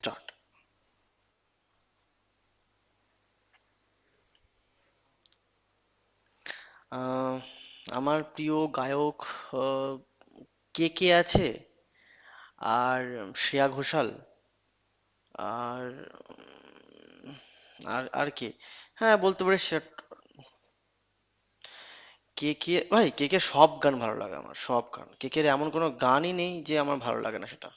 Start. আমার প্রিয় গায়ক কে কে আছে? আর শ্রেয়া ঘোষাল। আর আর আর কে? হ্যাঁ, বলতে পারি শ্রেয়া। কে কে, ভাই, কে কে সব গান ভালো লাগে আমার। সব গান কে কে, এমন কোনো গানই নেই যে আমার ভালো লাগে না সেটা।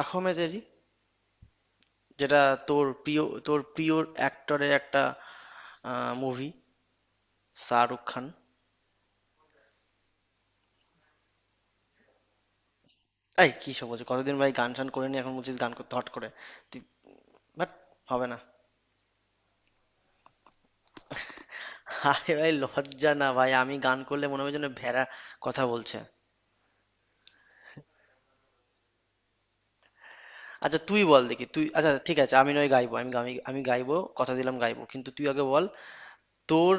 আখমেদ এরি যেটা তোর প্রিয় অ্যাক্টরের একটা মুভি, শাহরুখ খান। এই কি সব বলছে, কতদিন ভাই গান শান করে নি, এখন বলছিস গান করতে হট করে। তুই, বাট হবে না। আরে ভাই, লজ্জা না ভাই, আমি গান করলে মনে হবে যেন ভেড়া কথা বলছে। আচ্ছা তুই বল দেখি তুই, আচ্ছা ঠিক আছে, আমি নয় গাইবো, আমি আমি আমি গাইবো, কথা দিলাম গাইবো, কিন্তু তুই আগে বল। তোর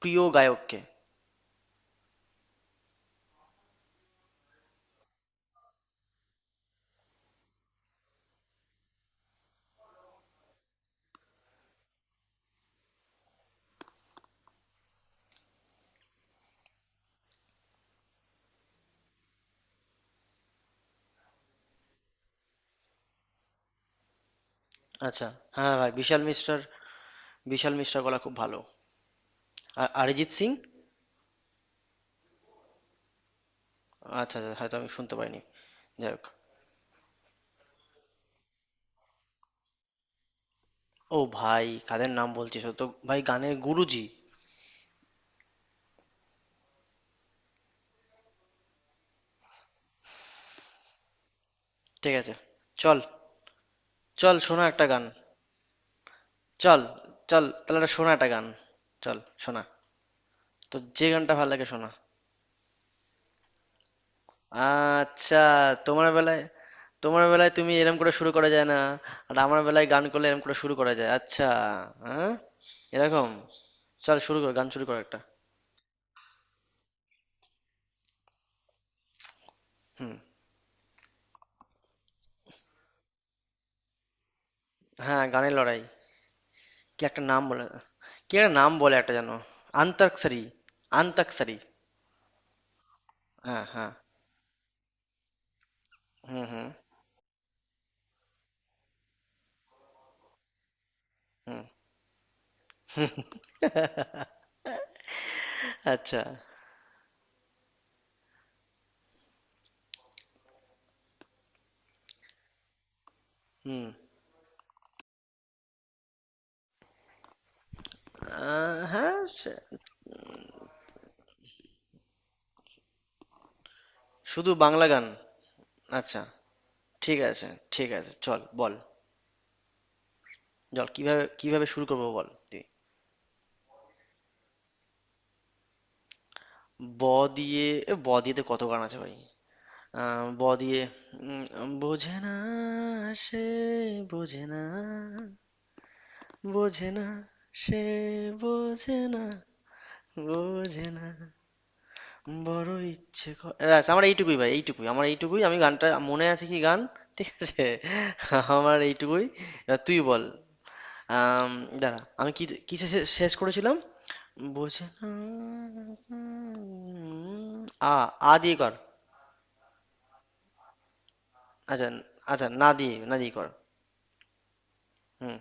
প্রিয় গায়ককে। আচ্ছা। হ্যাঁ ভাই, বিশাল মিশ্রার, বিশাল মিশ্রার গলা খুব ভালো। আর অরিজিৎ সিং। আচ্ছা আচ্ছা, হয়তো আমি শুনতে পাইনি। যাই হোক। ও ভাই, কাদের নাম বলছিস, ও তো ভাই গানের গুরুজি। ঠিক আছে। চল। চল শোনা একটা গান। চল চল তাহলে একটা শোনা একটা গান। চল, শোনা। তো যে গানটা ভালো লাগে শোনা। আচ্ছা। তোমার বেলায় তোমার বেলায় তুমি এরম করে শুরু করা যায় না। আর আমার বেলায় গান করলে এরম করে শুরু করা যায়, আচ্ছা। হ্যাঁ। এরকম। চল, শুরু কর, গান শুরু কর একটা। হুম। হ্যাঁ, গানের লড়াই, কি একটা নাম বলে, কি একটা নাম বলে একটা যেন। আন্তাক্ষরী। আন্তাক্ষরী। হ্যাঁ, হ্যাঁ। হুম, হুম। আচ্ছা। হুম। হ্যাঁ, শুধু বাংলা গান। আচ্ছা। ঠিক আছে। ঠিক আছে চল, বল। চল, কিভাবে কিভাবে শুরু করবো বল তুই। ব দিয়ে। এ ব দিয়ে তো কত গান আছে ভাই। ব দিয়ে। বোঝে না, সে বোঝে না, বোঝে না, সে বোঝে না, বোঝে না বড় ইচ্ছে করে। ব্যাস আমার এইটুকুই ভাই, এইটুকুই, আমার এইটুকুই, আমি গানটা মনে আছে কি গান। ঠিক আছে। আমার এইটুকুই। এবার তুই বল। আম, দাঁড়া, আমি কি, কিসে শেষ করেছিলাম। বোঝে না। আ। আ দিয়ে কর। আচ্ছা। আচ্ছা, না দিয়ে, না দিয়ে কর। হুম।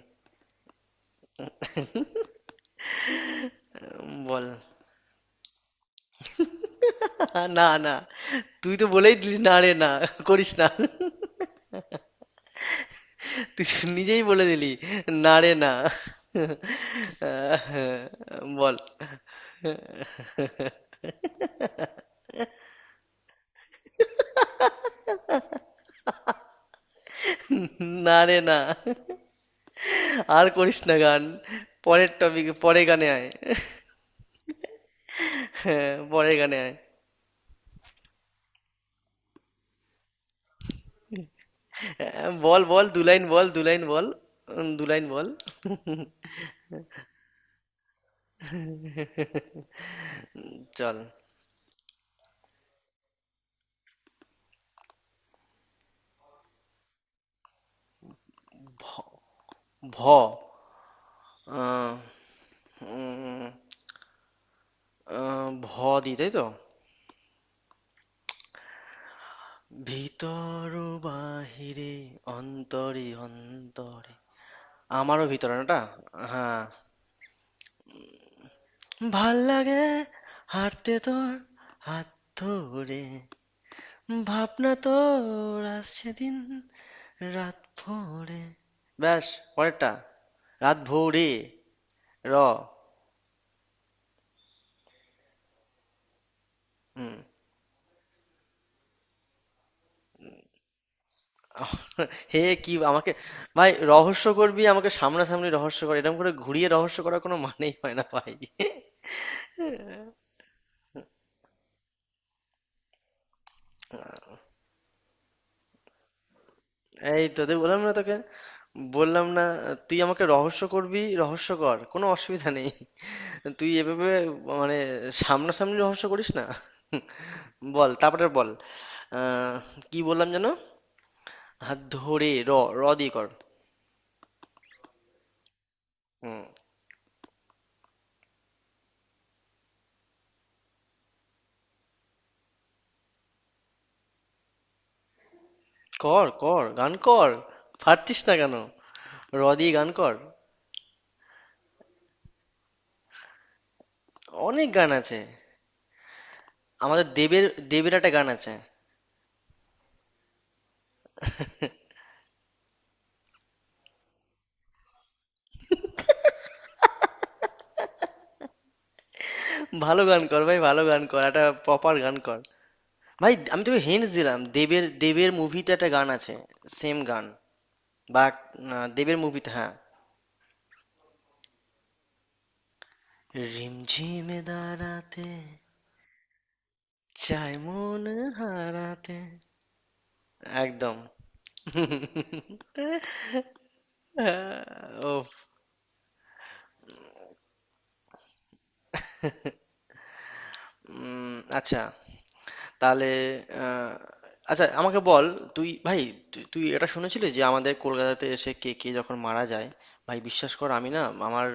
বল। না, না। তুই তো বলেই দিলি, না রে না, করিস না। তুই তো নিজেই বলে দিলি, না রে না। বল, না রে না। আর করিস না গান, পরের টপিক, পরে গানে আয়। হ্যাঁ, পরে গানে আয়। বল, বল, দু লাইন বল, দু লাইন বল। দু লাইন বল। চল। ভ। আহ, উম, ভ দি তাই তো। ভিতর ও বাহিরে, অন্তরে অন্তরে, আমারও ভিতরে নাটা। হ্যাঁ। ভাল লাগে হাঁটতে তোর হাত ধরে, ভাবনা তোর আসছে দিন রাত ভোরে। ব্যাস, পরেরটা। রাত ভোরে, র। হুম। হে কি আমাকে। ভাই, রহস্য করবি আমাকে সামনাসামনি রহস্য কর, এরকম করে ঘুরিয়ে রহস্য করার কোনো মানেই হয় না ভাই। এই তোদের বললাম না, তোকে বললাম না, তুই আমাকে রহস্য করবি রহস্য কর, কোনো অসুবিধা নেই। তুই এভাবে, মানে, সামনাসামনি রহস্য করিস না। বল, তারপরে বল। আহ, কি বললাম যেন, হাত ধরে র। র দিয়ে কর। হুম। কর, কর গান কর, পারছিস না কেন, র দিয়ে গান কর, অনেক গান আছে। আমাদের দেবের দেবের একটা গান আছে। ভালো গান কর ভাই, ভালো গান কর, একটা প্রপার গান কর। ভাই আমি তোকে হিন্টস দিলাম, দেবের দেবের মুভিতে একটা গান আছে। সেম গান, বাট দেবের মুভিতে, হ্যাঁ। রিমঝিমে দাঁড়াতে, চাই মন হারাতে। একদম। ও আচ্ছা। তাহলে আহ, আচ্ছা আমাকে বল, তুই ভাই, তুই তুই এটা শুনেছিলি যে আমাদের কলকাতাতে এসে কে কে যখন মারা যায়, ভাই বিশ্বাস কর আমি না, আমার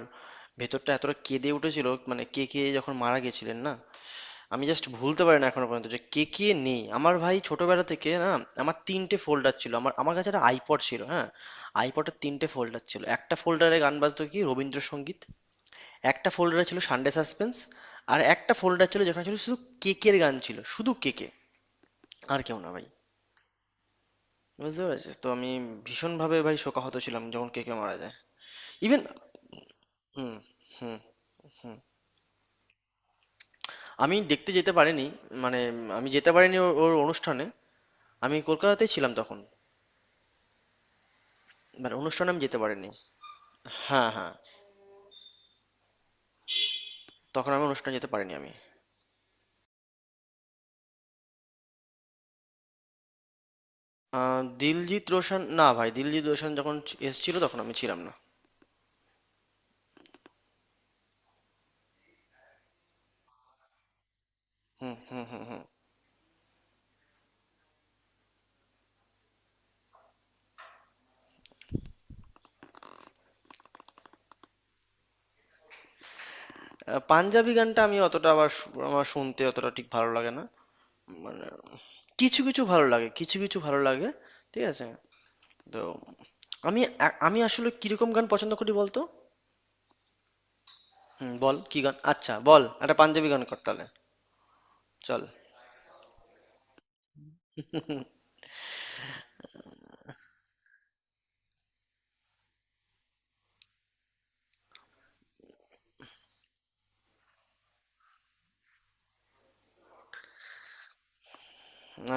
ভেতরটা এতটা কেঁদে উঠেছিল, মানে কে কে যখন মারা গেছিলেন না, আমি জাস্ট ভুলতে পারি না এখনো পর্যন্ত যে কে কে নেই আমার। ভাই ছোটবেলা থেকে না, আমার তিনটে ফোল্ডার ছিল, আমার, আমার কাছে একটা আইপড ছিল, হ্যাঁ। আইপডের তিনটে ফোল্ডার ছিল, একটা ফোল্ডারে গান বাজতো কি রবীন্দ্রসঙ্গীত, একটা ফোল্ডারে ছিল সানডে সাসপেন্স, আর একটা ফোল্ডার ছিল যেখানে ছিল শুধু কেকের গান, ছিল শুধু কেকে, আর কেউ না ভাই। বুঝতে পেরেছিস তো, আমি ভীষণভাবে ভাই শোকাহত ছিলাম যখন কেকে মারা যায়, ইভেন। হুম, হুম। আমি দেখতে যেতে পারিনি, মানে আমি যেতে পারিনি ওর ওর অনুষ্ঠানে। আমি কলকাতাতেই ছিলাম তখন, মানে অনুষ্ঠানে আমি যেতে পারিনি। হ্যাঁ, হ্যাঁ। তখন আমি অনুষ্ঠানে যেতে পারিনি আমি। আ, দিলজিৎ রোশান না ভাই, দিলজিৎ রোশান যখন এসেছিল তখন আমি ছিলাম না। হুম, হুম, হুম, হুম। আ, পাঞ্জাবি গানটা আমি অতটা আবার আমার শুনতে অতটা ঠিক ভালো লাগে না। মানে কিছু, কিছু ভালো লাগে, কিছু, কিছু ভালো লাগে। ঠিক আছে? তো আমি, আ, আমি আসলে কিরকম গান পছন্দ করি বলতো? হুম, বল কি গান? আচ্ছা বল, একটা পাঞ্জাবি গান কর তাহলে। চল।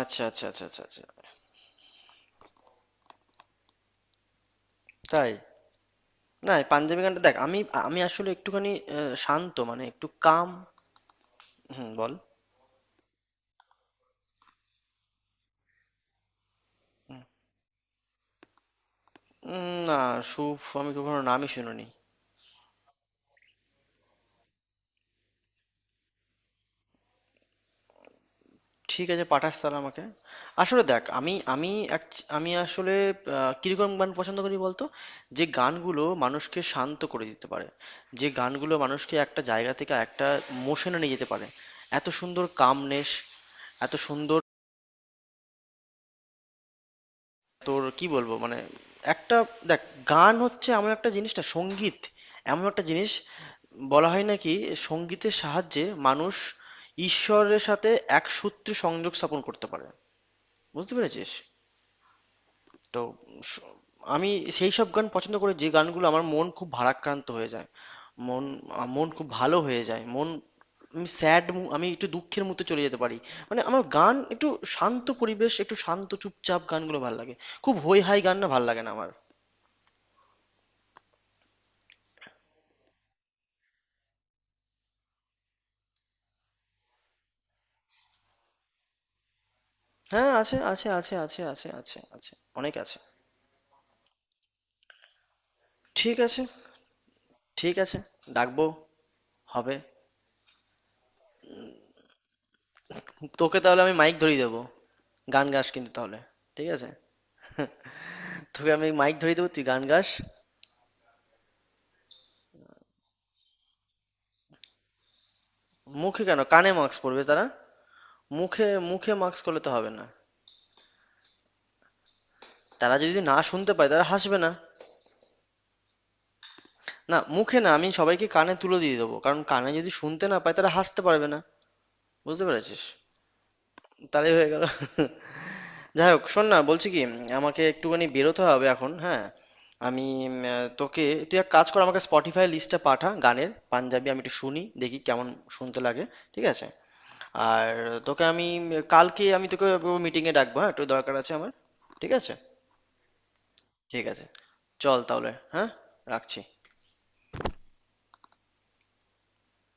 আচ্ছা, আচ্ছা, আচ্ছা, আচ্ছা, আচ্ছা। তাই? না, এই পাঞ্জাবি গানটা দেখ আমি, আমি আসলে একটুখানি অ্যা, শান্ত মানে একটু কাম। হুম, বল। না, স্যুপ আমি কখনো নামই শুনিনি। ঠিক আছে পাঠাস তাহলে আমাকে। আসলে দেখ আমি, আমি আসলে কিরকম গান পছন্দ করি বলতো, যে গানগুলো মানুষকে শান্ত করে দিতে পারে, যে গানগুলো মানুষকে একটা জায়গা থেকে একটা মোশনে নিয়ে যেতে পারে। এত সুন্দর কামনেস, এত সুন্দর, তোর কি বলবো, মানে, একটা। দেখ, গান হচ্ছে এমন একটা জিনিস না, সঙ্গীত এমন একটা জিনিস, বলা হয় নাকি সঙ্গীতের সাহায্যে মানুষ ঈশ্বরের সাথে এক সূত্রে সংযোগ স্থাপন করতে পারে। বুঝতে পেরেছিস তো। স- আমি সেই সব গান পছন্দ করি যে গানগুলো আমার, মন খুব ভারাক্রান্ত হয়ে যায়, মন, মন খুব ভালো হয়ে যায়, মন। আমি স্যাড, আমি একটু দুঃখের মধ্যে চলে যেতে পারি, মানে আমার গান একটু শান্ত পরিবেশ, একটু শান্ত চুপচাপ গানগুলো ভাল লাগে। খুব হই হাই গান না, ভাল লাগে না আমার। হ্যাঁ, আছে, আছে, আছে, আছে, আছে, আছে, আছে। অনেক আছে। ঠিক আছে। ঠিক আছে, ডাকবো, হবে। তোকে তাহলে আমি মাইক ধরিয়ে দেবো, গান গাস কিন্তু তাহলে, ঠিক আছে, তোকে আমি মাইক ধরিয়ে দেবো, তুই গান গাস। মুখে কেন, কানে মাস্ক পরবে তারা, মুখে মুখে মাস্ক করলে তো হবে না, তারা যদি না শুনতে পায় তারা হাসবে না। না মুখে না, আমি সবাইকে কানে তুলে দিয়ে দেবো, কারণ কানে যদি শুনতে না পায় তারা হাসতে পারবে না। বুঝতে পেরেছিস, তাহলেই হয়ে গেল। যাই হোক, শোন না বলছি কি, আমাকে একটুখানি বেরোতে হবে এখন, হ্যাঁ। আমি তোকে, তুই এক কাজ কর, আমাকে স্পটিফাই লিস্টটা পাঠা গানের পাঞ্জাবি, আমি একটু শুনি দেখি কেমন শুনতে লাগে। ঠিক আছে। আর তোকে আমি কালকে আমি তোকে মিটিংয়ে ডাকবো, হ্যাঁ একটু দরকার আছে আমার। ঠিক আছে। ঠিক আছে। চল তাহলে, হ্যাঁ, রাখছি।